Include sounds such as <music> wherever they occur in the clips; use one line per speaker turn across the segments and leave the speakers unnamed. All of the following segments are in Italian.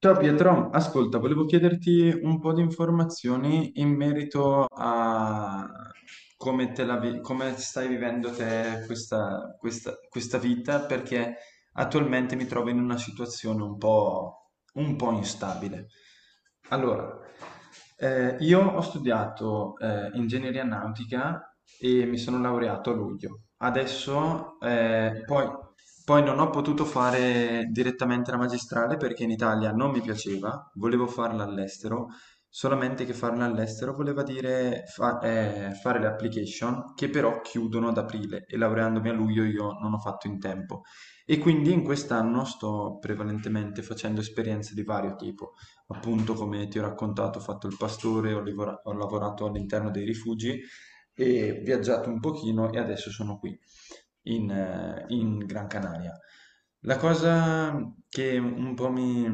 Ciao Pietro, ascolta, volevo chiederti un po' di informazioni in merito a come, come stai vivendo te questa, questa vita, perché attualmente mi trovo in una situazione un po' instabile. Allora, io ho studiato ingegneria nautica e mi sono laureato a luglio. Adesso, poi non ho potuto fare direttamente la magistrale perché in Italia non mi piaceva, volevo farla all'estero, solamente che farla all'estero voleva dire fare le application che però chiudono ad aprile e laureandomi a luglio io non ho fatto in tempo. E quindi in quest'anno sto prevalentemente facendo esperienze di vario tipo. Appunto, come ti ho raccontato, ho fatto il pastore, ho lavorato all'interno dei rifugi e viaggiato un pochino e adesso sono qui in Gran Canaria. La cosa che un po' mi,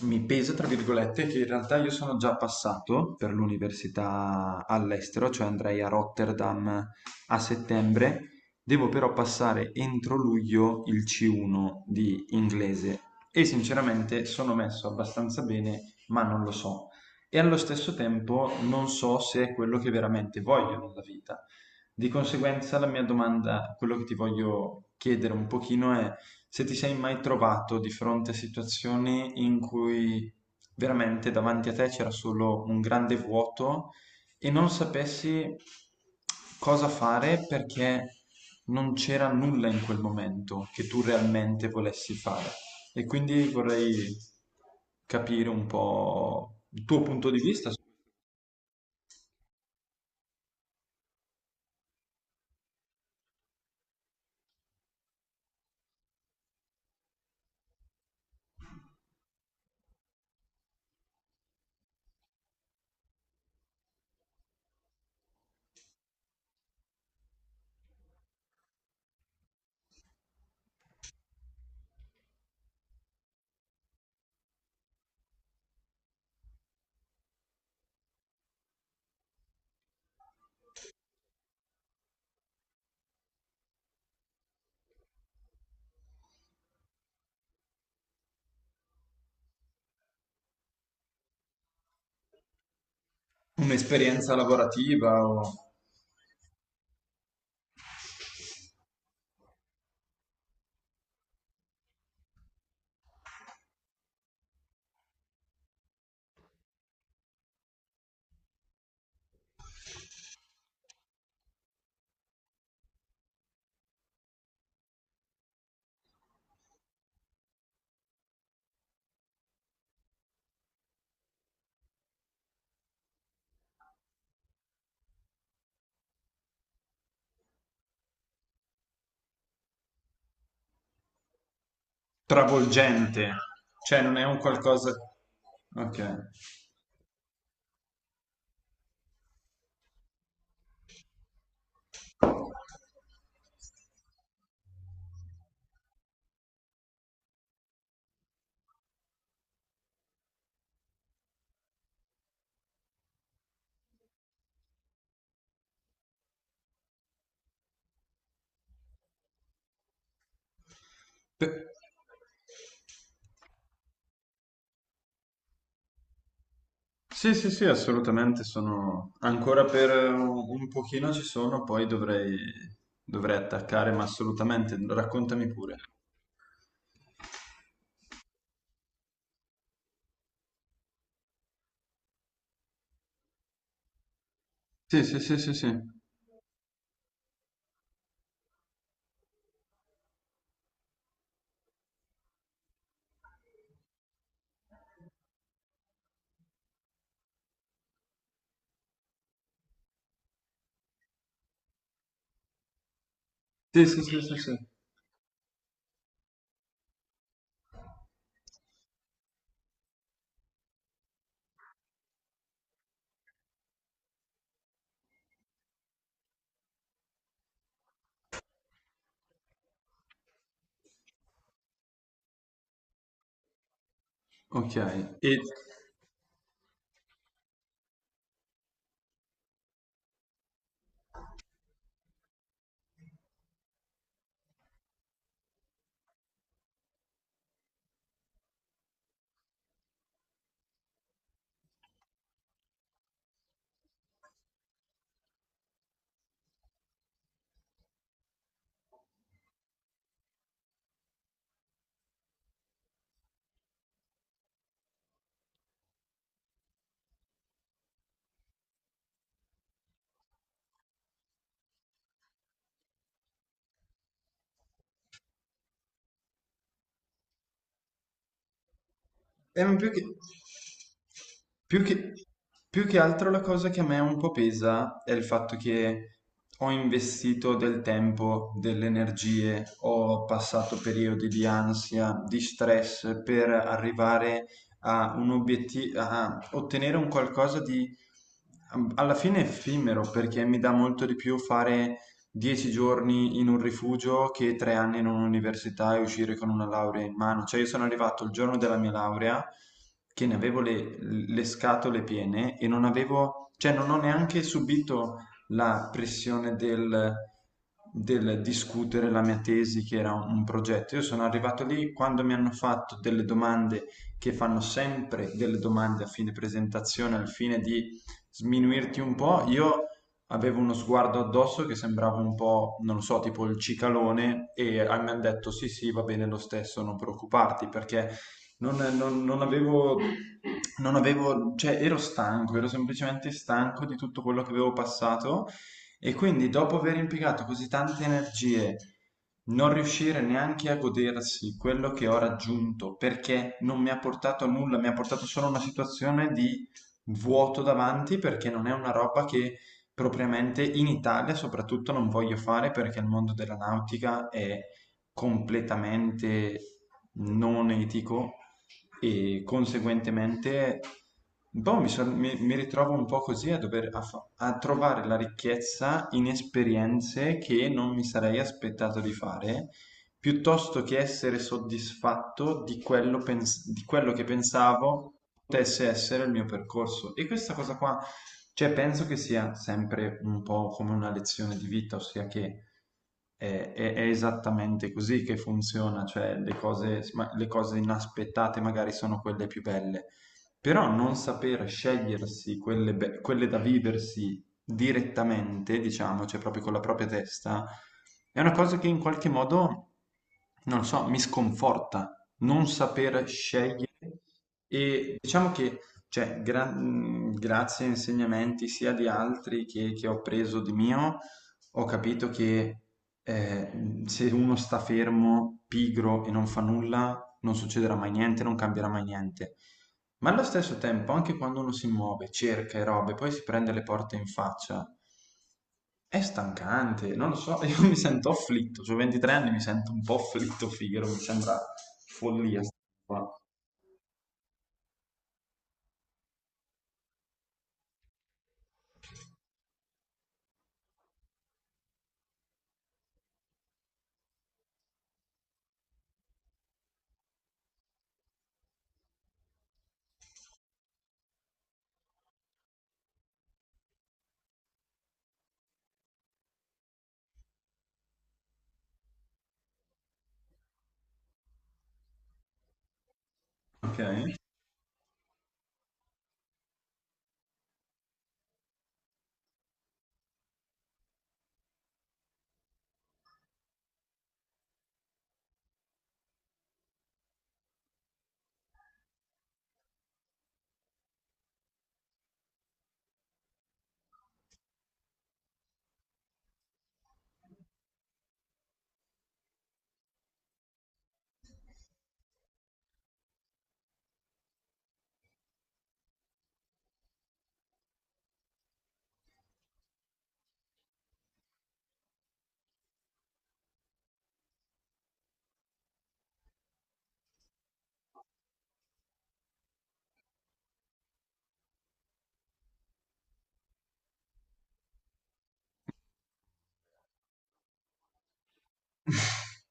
mi pesa, tra virgolette, è che in realtà io sono già passato per l'università all'estero, cioè andrei a Rotterdam a settembre. Devo però passare entro luglio il C1 di inglese e sinceramente sono messo abbastanza bene, ma non lo so. E allo stesso tempo non so se è quello che veramente voglio nella vita. Di conseguenza, la mia domanda, quello che ti voglio chiedere un pochino è se ti sei mai trovato di fronte a situazioni in cui veramente davanti a te c'era solo un grande vuoto e non sapessi cosa fare perché non c'era nulla in quel momento che tu realmente volessi fare. E quindi vorrei capire un po' il tuo punto di vista su un'esperienza lavorativa o travolgente, cioè non è un qualcosa. Ok. Per- Sì, sì, sì, assolutamente sono ancora per un pochino ci sono, poi dovrei, dovrei attaccare, ma assolutamente, raccontami pure. Sì, sì, sì, sì, sì. Sì, sì, sì, sì, sì. Ok, e ma più che, più che altro la cosa che a me un po' pesa è il fatto che ho investito del tempo, delle energie, ho passato periodi di ansia, di stress per arrivare a un obiettivo, a ottenere un qualcosa di alla fine effimero, perché mi dà molto di più fare 10 giorni in un rifugio che 3 anni in un'università e uscire con una laurea in mano. Cioè, io sono arrivato il giorno della mia laurea che ne avevo le scatole piene e non avevo, cioè, non ho neanche subito la pressione del discutere la mia tesi, che era un progetto. Io sono arrivato lì quando mi hanno fatto delle domande che fanno sempre delle domande a fine presentazione, al fine di sminuirti un po'. Io aveva uno sguardo addosso che sembrava un po', non lo so, tipo il cicalone mi hanno detto sì sì va bene lo stesso, non preoccuparti perché non, non- non avevo, non avevo, cioè ero stanco, ero semplicemente stanco di tutto quello che avevo passato e quindi dopo aver impiegato così tante energie non riuscire neanche a godersi quello che ho raggiunto perché non mi ha portato a nulla, mi ha portato solo a una situazione di vuoto davanti, perché non è una roba che propriamente in Italia soprattutto non voglio fare, perché il mondo della nautica è completamente non etico e conseguentemente un po' mi ritrovo un po' così a dover a trovare la ricchezza in esperienze che non mi sarei aspettato di fare, piuttosto che essere soddisfatto di quello, di quello che pensavo potesse essere il mio percorso. E questa cosa qua, cioè, penso che sia sempre un po' come una lezione di vita, ossia che è esattamente così che funziona, cioè le cose inaspettate magari sono quelle più belle, però non saper scegliersi quelle, quelle da viversi direttamente, diciamo, cioè proprio con la propria testa, è una cosa che in qualche modo, non lo so, mi sconforta, non saper scegliere. E diciamo che, cioè, grazie a insegnamenti sia di altri che ho preso di mio, ho capito che eh, se uno sta fermo, pigro e non fa nulla, non succederà mai niente, non cambierà mai niente. Ma allo stesso tempo, anche quando uno si muove, cerca e robe, poi si prende le porte in faccia, è stancante, non lo so, <laughs> io mi sento afflitto, ho 23 anni, mi sento un po' afflitto, Figaro, mi sembra follia, sta roba. Ok? <laughs>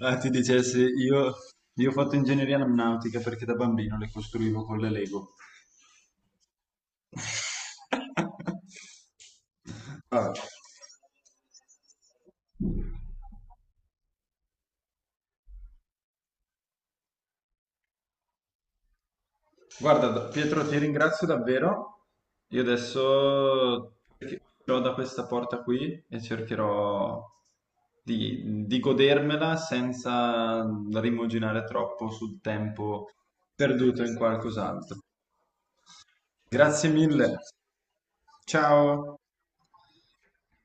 Ah, ti dicessi, io ho fatto ingegneria aeronautica perché da bambino le costruivo con le Lego. <laughs> Ah, guarda, Pietro, ti ringrazio davvero. Io adesso uscirò da questa porta qui e cercherò di godermela senza rimuginare troppo sul tempo perduto in qualcos'altro. Grazie mille. Ciao.